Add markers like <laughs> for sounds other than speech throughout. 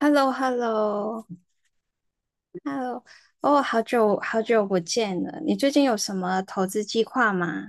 h e l l o h e l l o h e l l o 哦，好久好久不见了。你最近有什么投资计划吗？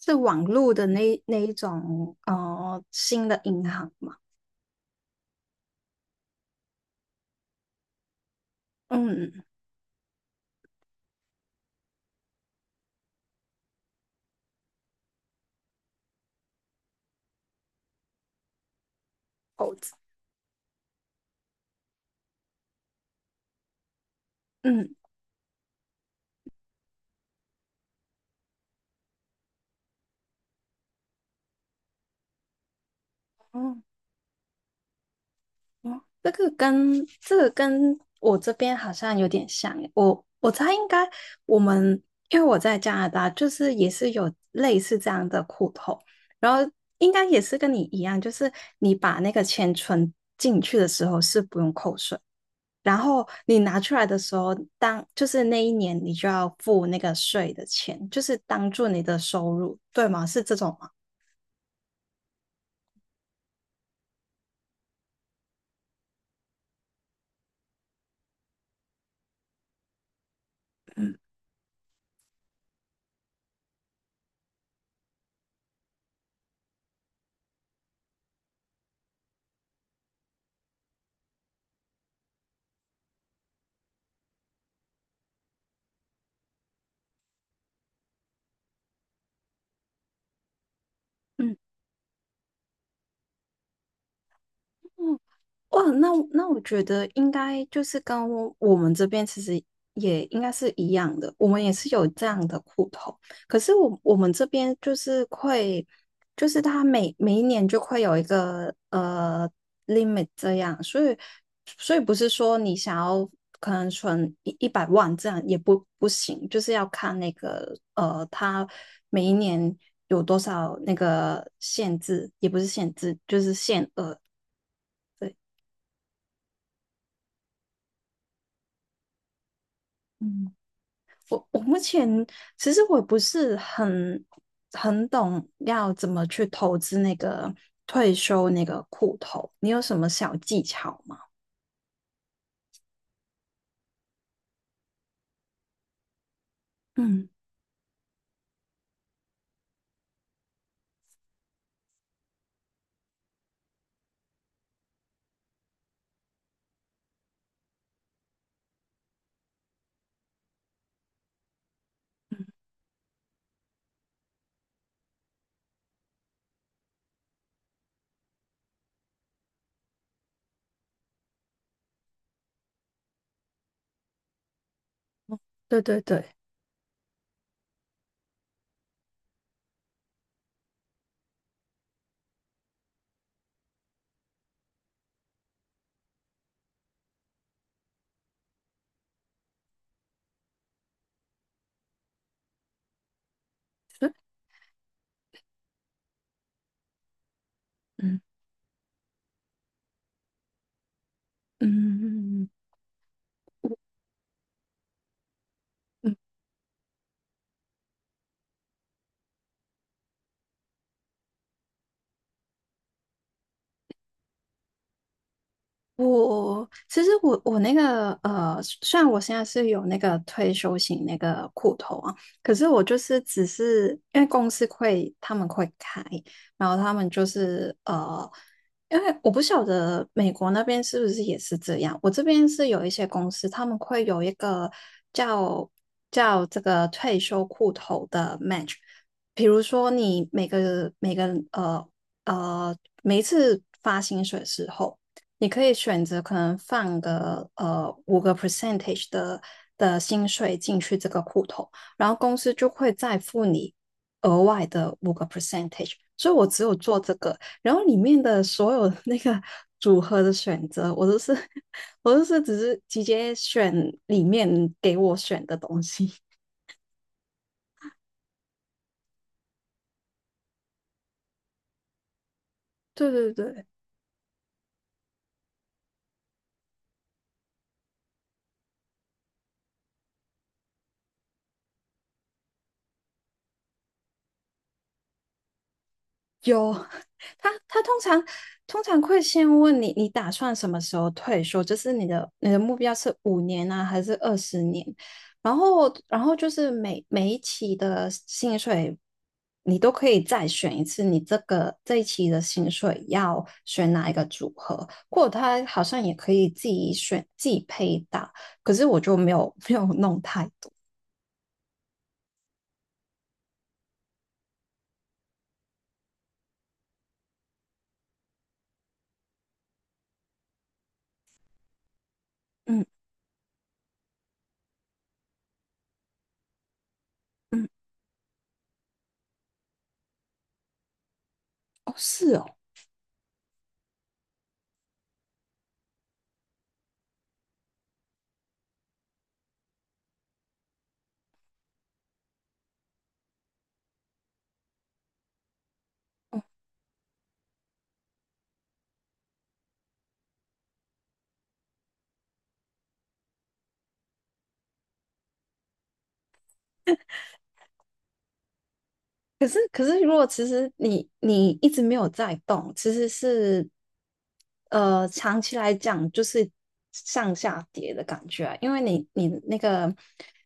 是网络的那一种哦，呃新的银行吗？嗯，投资，嗯，哦哦，这个跟我这边好像有点像耶，我猜应该我们因为我在加拿大，就是也是有类似这样的苦头，然后应该也是跟你一样，就是你把那个钱存进去的时候是不用扣税，然后你拿出来的时候，当就是那一年你就要付那个税的钱，就是当做你的收入，对吗？是这种吗？嗯嗯。哇，那我觉得应该就是跟我我们这边其实也应该是一样的，我们也是有这样的户头，可是我们这边就是会，就是他每每一年就会有一个limit 这样，所以所以不是说你想要可能存一百万这样也不不行，就是要看那个呃他每一年有多少那个限制，也不是限制，就是限额。对。嗯。我目前其实我不是很懂要怎么去投资那个退休那个户头，你有什么小技巧吗？嗯，对对对，嗯嗯嗯嗯我其实我那个呃，虽然我现在是有那个退休型那个户头啊，可是我就是只是因为公司会他们会开，然后他们就是呃，因为我不晓得美国那边是不是也是这样，我这边是有一些公司他们会有一个叫叫这个退休户头的 match，比如说你每个呃呃每一次发薪水的时候。你可以选择可能放个五个 percentage 的的薪水进去这个户头，然后公司就会再付你额外的五个 percentage。所以我只有做这个，然后里面的所有那个 <laughs> 组合的选择，我都是只是直接选里面给我选的东西。<laughs> 对对对。有，<laughs> 他他通常通常会先问你，你打算什么时候退休？就是你的你的目标是五年啊，还是二十年？然后然后就是每每一期的薪水，你都可以再选一次，你这个这一期的薪水要选哪一个组合？或者他好像也可以自己选自己配搭，可是我就没有没有弄太多。嗯嗯，哦，是哦。可是，可是，如果其实你你一直没有在动，其实是呃长期来讲就是上下跌的感觉啊，因为你你那个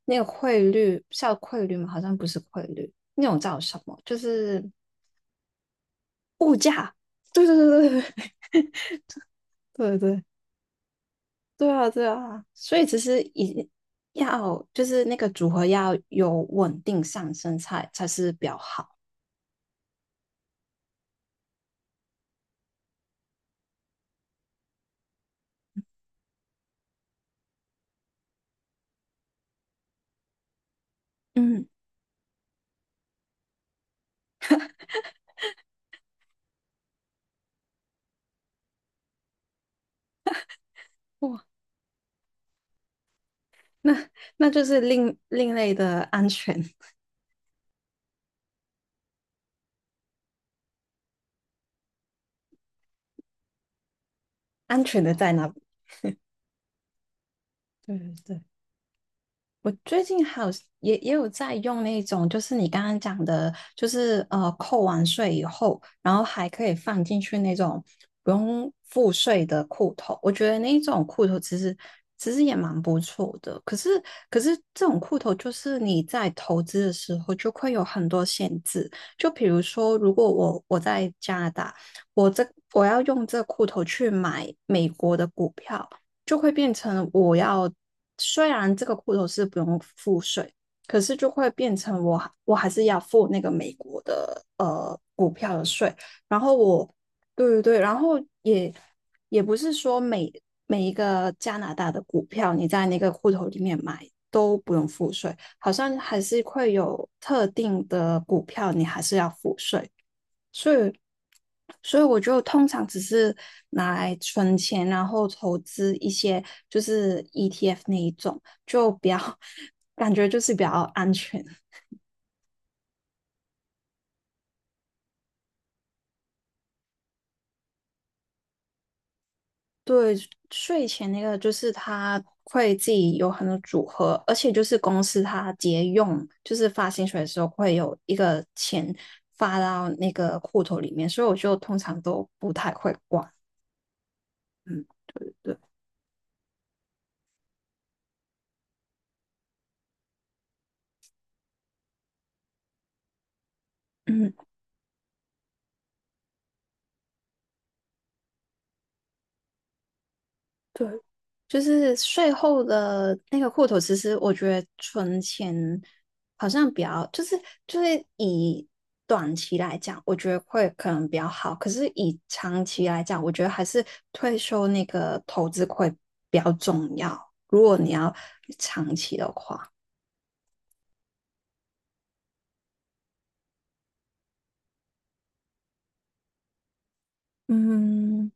那个汇率叫汇率吗？好像不是汇率，那种叫什么？就是对对对对对 <laughs> 对对对啊对啊，所以其实一要就是那个组合要有稳定上升才才是比较好。嗯，哇，那那就是另另类的安全。安全的在那里。对对对，我最近还有也也有在用那种，就是你刚刚讲的，就是呃扣完税以后，然后还可以放进去那种不用付税的裤头。我觉得那一种裤头其实其实也蛮不错的，可是可是这种裤头就是你在投资的时候就会有很多限制，就比如说如果我在加拿大，我这我要用这裤头去买美国的股票。就会变成我要，虽然这个户头是不用付税，可是就会变成我还是要付那个美国的呃股票的税。然后我，对对对，然后也也不是说每每一个加拿大的股票你在那个户头里面买都不用付税，好像还是会有特定的股票你还是要付税。所以，所以我就通常只是拿来存钱，然后投资一些就是 ETF 那一种，就比较 <laughs> 感觉就是比较安全。对，税前那个就是他会自己有很多组合，而且就是公司它节用，就是发薪水的时候会有一个钱发到那个户头里面，所以我就通常都不太会管。嗯，对对对，嗯。对，就是税后的那个户头，其实我觉得存钱好像比较，就是就是以短期来讲，我觉得会可能比较好。可是以长期来讲，我觉得还是退休那个投资会比较重要。如果你要嗯，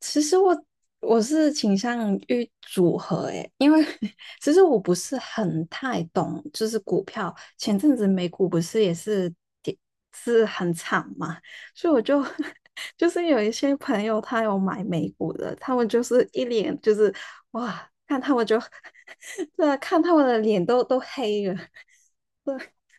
其实我是倾向于组合诶，因为 <laughs> 其实我不是很太懂，就是股票。前阵子美股不是也是跌是很惨嘛，所以我就 <laughs> 就是有一些朋友他有买美股的，他们就是一脸就是哇，看他们就 <laughs> 对啊，看他们的脸都都黑了。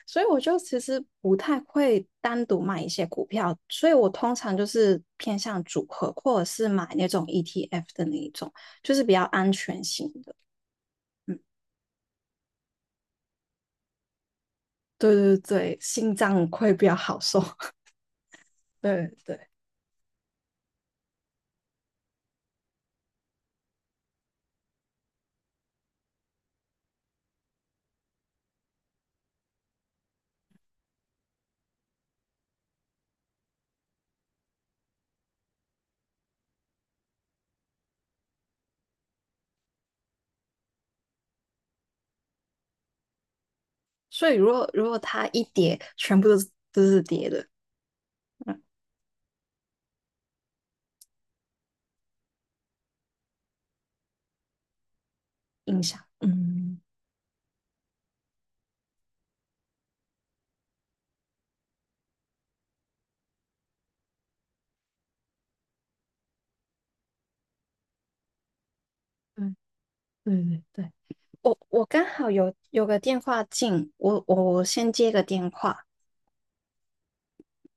所以我就其实不太会单独买一些股票，所以我通常就是偏向组合，或者是买那种 ETF 的那一种，就是比较安全型的。嗯，对对对，心脏会比较好受。<laughs> 对对，所以如果它一跌，全部都是都是跌的，嗯，印象。嗯，对对对对，我刚好有有个电话进，我先接个电话。